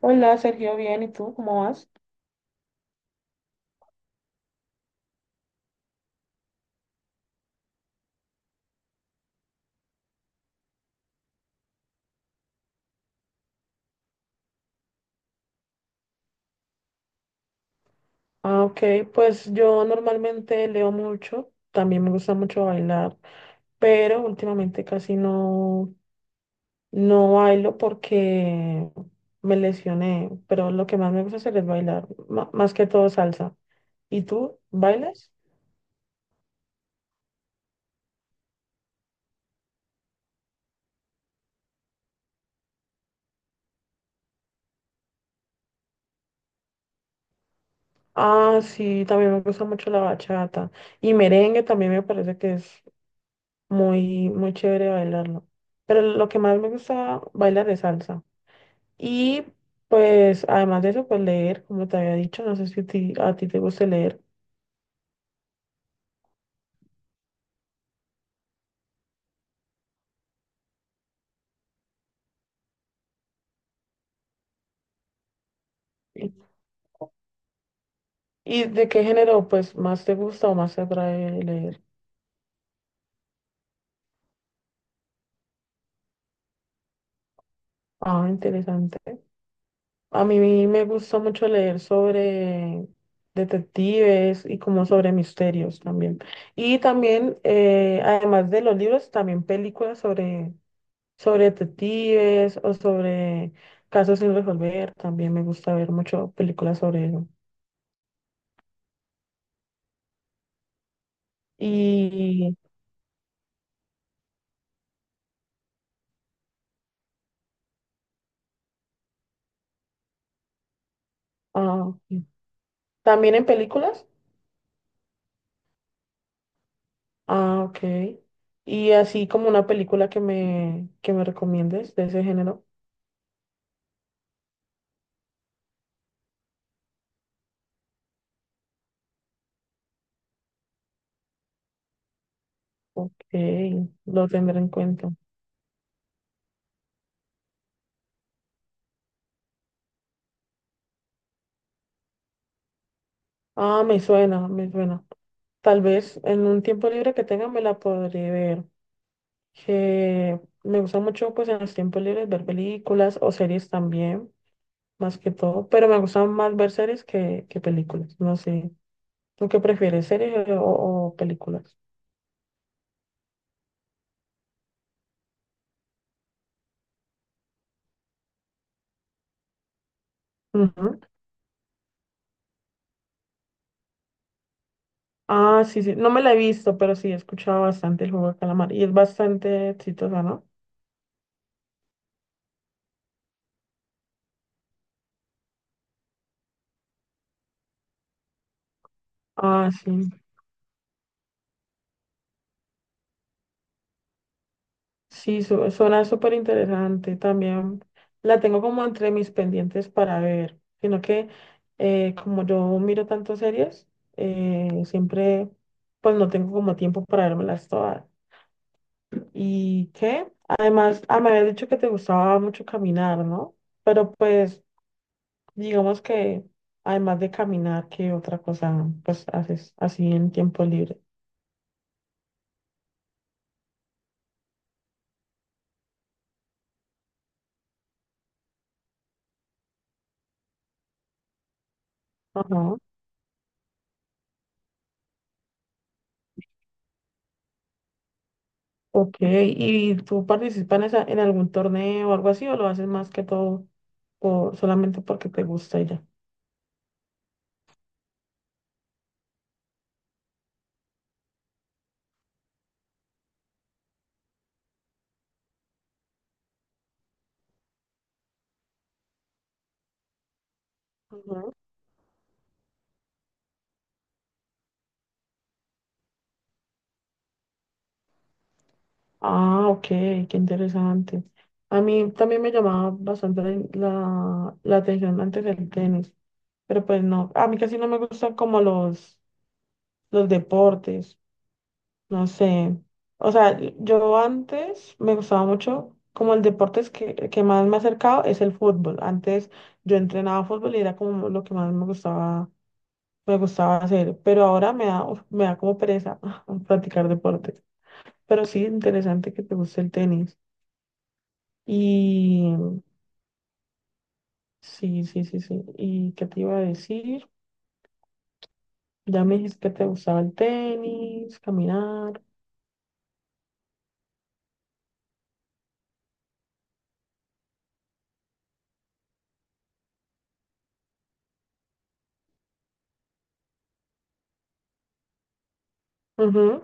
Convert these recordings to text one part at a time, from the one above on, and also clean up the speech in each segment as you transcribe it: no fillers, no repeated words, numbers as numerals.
Hola, Sergio, bien, ¿y tú cómo vas? Ah, ok, pues yo normalmente leo mucho, también me gusta mucho bailar, pero últimamente casi no, no bailo porque me lesioné, pero lo que más me gusta hacer es bailar, más que todo salsa. ¿Y tú bailas? Ah, sí, también me gusta mucho la bachata y merengue también me parece que es muy, muy chévere bailarlo, pero lo que más me gusta bailar es salsa. Y pues además de eso, pues leer, como te había dicho, no sé si a ti te gusta leer. ¿Y y de qué género pues más te gusta o más te atrae leer? Ah, interesante. A mí me gustó mucho leer sobre detectives y como sobre misterios también. Y también, además de los libros, también películas sobre, sobre detectives o sobre casos sin resolver. También me gusta ver mucho películas sobre eso. Y ah, ok, también en películas. Ah, ok. Y así como una película que me recomiendes de ese género. Ok, lo tendré en cuenta. Ah, me suena, me suena. Tal vez en un tiempo libre que tenga me la podré ver. Que me gusta mucho pues en los tiempos libres ver películas o series también, más que todo. Pero me gustan más ver series que películas. No sé. ¿Tú qué prefieres, series o películas? Ujú. Ah, sí, sí. No me la he visto, pero sí he escuchado bastante el juego de calamar. Y es bastante exitosa, ¿no? Ah, sí. Sí, suena súper interesante. También la tengo como entre mis pendientes para ver, sino que como yo miro tantas series, siempre pues no tengo como tiempo para vérmelas todas. ¿Y qué? Además, me habías dicho que te gustaba mucho caminar, ¿no? Pero pues digamos que además de caminar, ¿qué otra cosa pues haces así en tiempo libre? Ajá. Ok, ¿y tú participas en algún torneo o algo así o lo haces más que todo solamente porque te gusta y ya? Ujú. Ah, ok, qué interesante. A mí también me llamaba bastante la atención antes el tenis, pero pues no, a mí casi no me gustan como los deportes, no sé. O sea, yo antes me gustaba mucho, como el deporte es que más me ha acercado es el fútbol. Antes yo entrenaba fútbol y era como lo que más me gustaba hacer, pero ahora me da, uf, me da como pereza practicar deportes. Pero sí, interesante que te guste el tenis. Y sí, sí, sí, sí. ¿Y qué te iba a decir? Ya me dijiste que te gustaba el tenis, caminar. Ujú.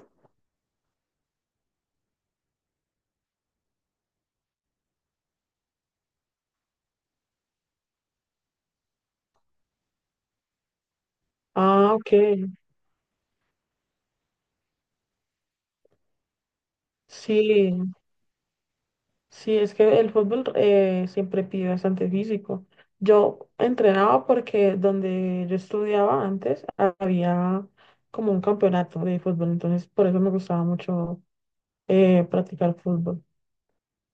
Ah, ok. Sí, sí, es que el fútbol siempre pide bastante físico. Yo entrenaba porque donde yo estudiaba antes había como un campeonato de fútbol, entonces por eso me gustaba mucho practicar fútbol.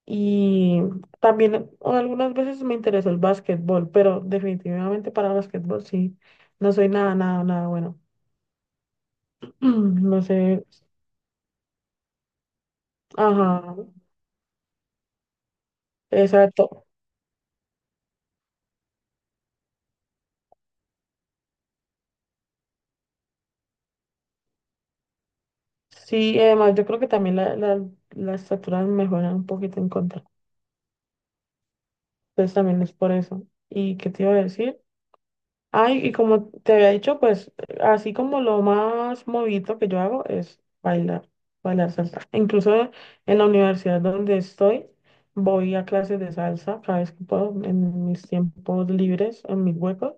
Y también algunas veces me interesó el básquetbol, pero definitivamente para básquetbol sí, no soy nada, nada, nada bueno. No sé, ajá, exacto. Sí, y además yo creo que también las estatura me juegan un poquito en contra. Entonces también es por eso. ¿Y qué te iba a decir? Ay, y como te había dicho, pues así como lo más movido que yo hago es bailar, bailar salsa. Incluso en la universidad donde estoy, voy a clases de salsa cada vez que puedo, en mis tiempos libres, en mis huecos,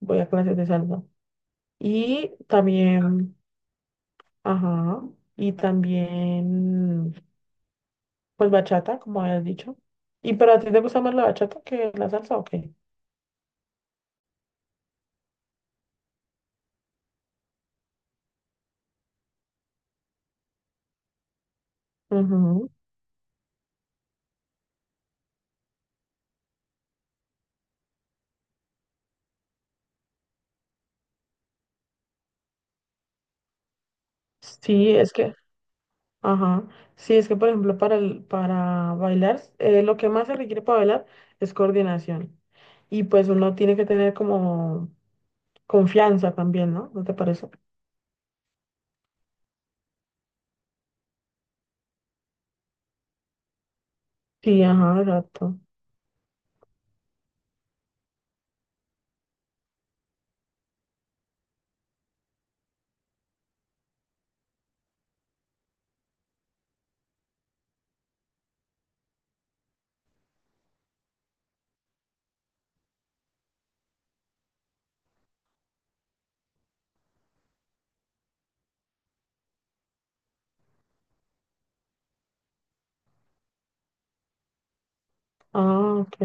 voy a clases de salsa. Y también, ajá, y también, pues bachata, como habías dicho. ¿Y pero a ti te gusta más la bachata que la salsa o qué? Ujú. Sí, es que... Ajá. Sí, es que por ejemplo para bailar, lo que más se requiere para bailar es coordinación. Y pues uno tiene que tener como confianza también, ¿no? ¿No te parece? Sí, ajá, exacto. Ah, ok.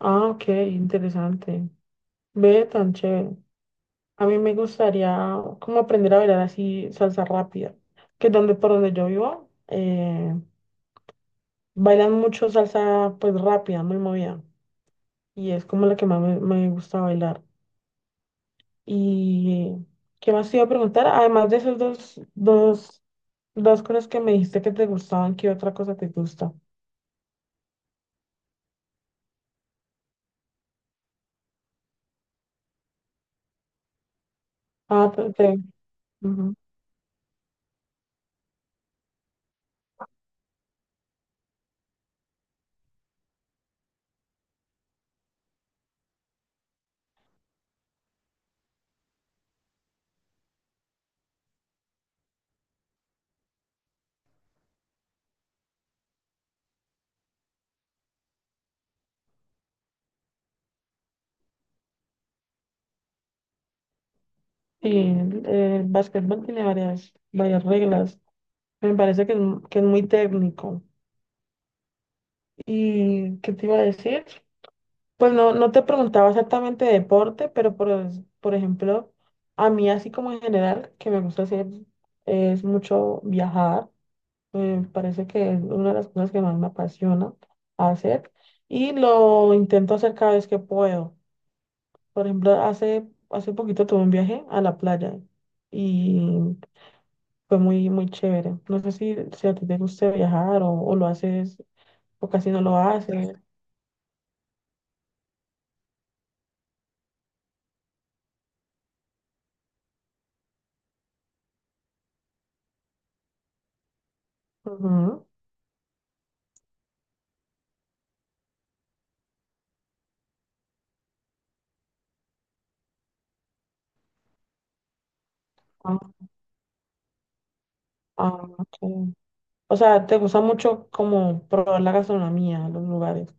Ah, ok, interesante. Ve tan chévere. A mí me gustaría como aprender a bailar así salsa rápida, que es donde por donde yo vivo bailan mucho salsa pues rápida, muy movida, y es como la que más me gusta bailar. ¿Y qué más te iba a preguntar? Además de esas dos cosas que me dijiste que te gustaban, ¿qué otra cosa te gusta? Ah, te, te- ujú. Sí, el básquetbol tiene varias, varias reglas. Me parece que es, que es muy técnico. ¿Y qué te iba a decir? Pues no, no te preguntaba exactamente de deporte, pero por ejemplo, a mí así como en general, que me gusta hacer es mucho viajar. Me parece que es una de las cosas que más me apasiona hacer y lo intento hacer cada vez que puedo. Por ejemplo, hace, hace poquito tuve un viaje a la playa y fue muy, muy chévere. No sé si, si a ti te gusta viajar o lo haces o casi no lo haces. Ujú. Ah, ah, ok. O sea, te gusta mucho como probar la gastronomía, los lugares.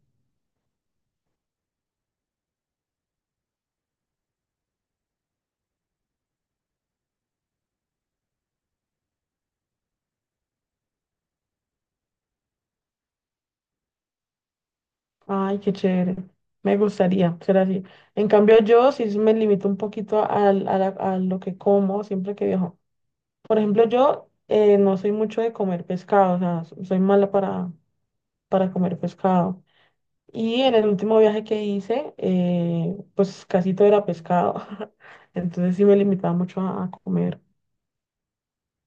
Ay, qué chévere. Me gustaría ser así. En cambio, yo sí me limito un poquito a lo que como siempre que viajo. Por ejemplo, yo no soy mucho de comer pescado, o sea, soy mala para comer pescado. Y en el último viaje que hice, pues casi todo era pescado. Entonces sí me limitaba mucho a comer.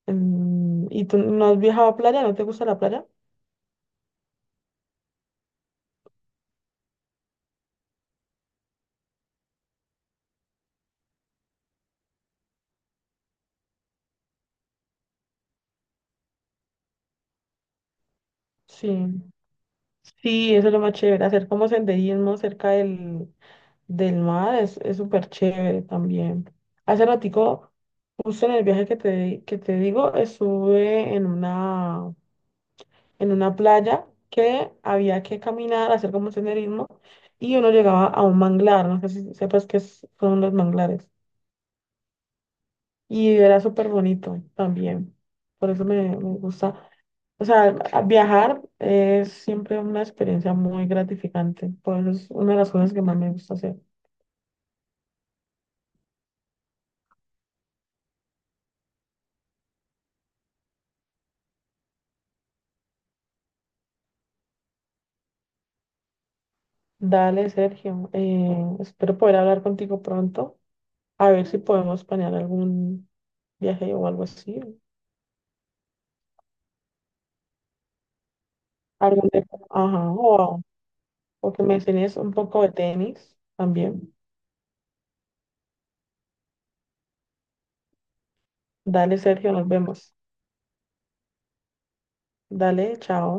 Mm, ¿y tú no has viajado a playa? ¿No te gusta la playa? Sí. Sí, eso es lo más chévere, hacer como senderismo cerca del, del mar es súper chévere también. Hace ratico, justo en el viaje que te digo, estuve en una playa que había que caminar, hacer como senderismo, y uno llegaba a un manglar, no sé si sepas son los manglares, y era súper bonito también, por eso me, me gusta. O sea, viajar es siempre una experiencia muy gratificante, por eso es una de las cosas que más me gusta hacer. Dale, Sergio, espero poder hablar contigo pronto. A ver si podemos planear algún viaje o algo así. Ajá, o que me enseñes un poco de tenis también. Dale, Sergio, nos vemos. Dale, chao.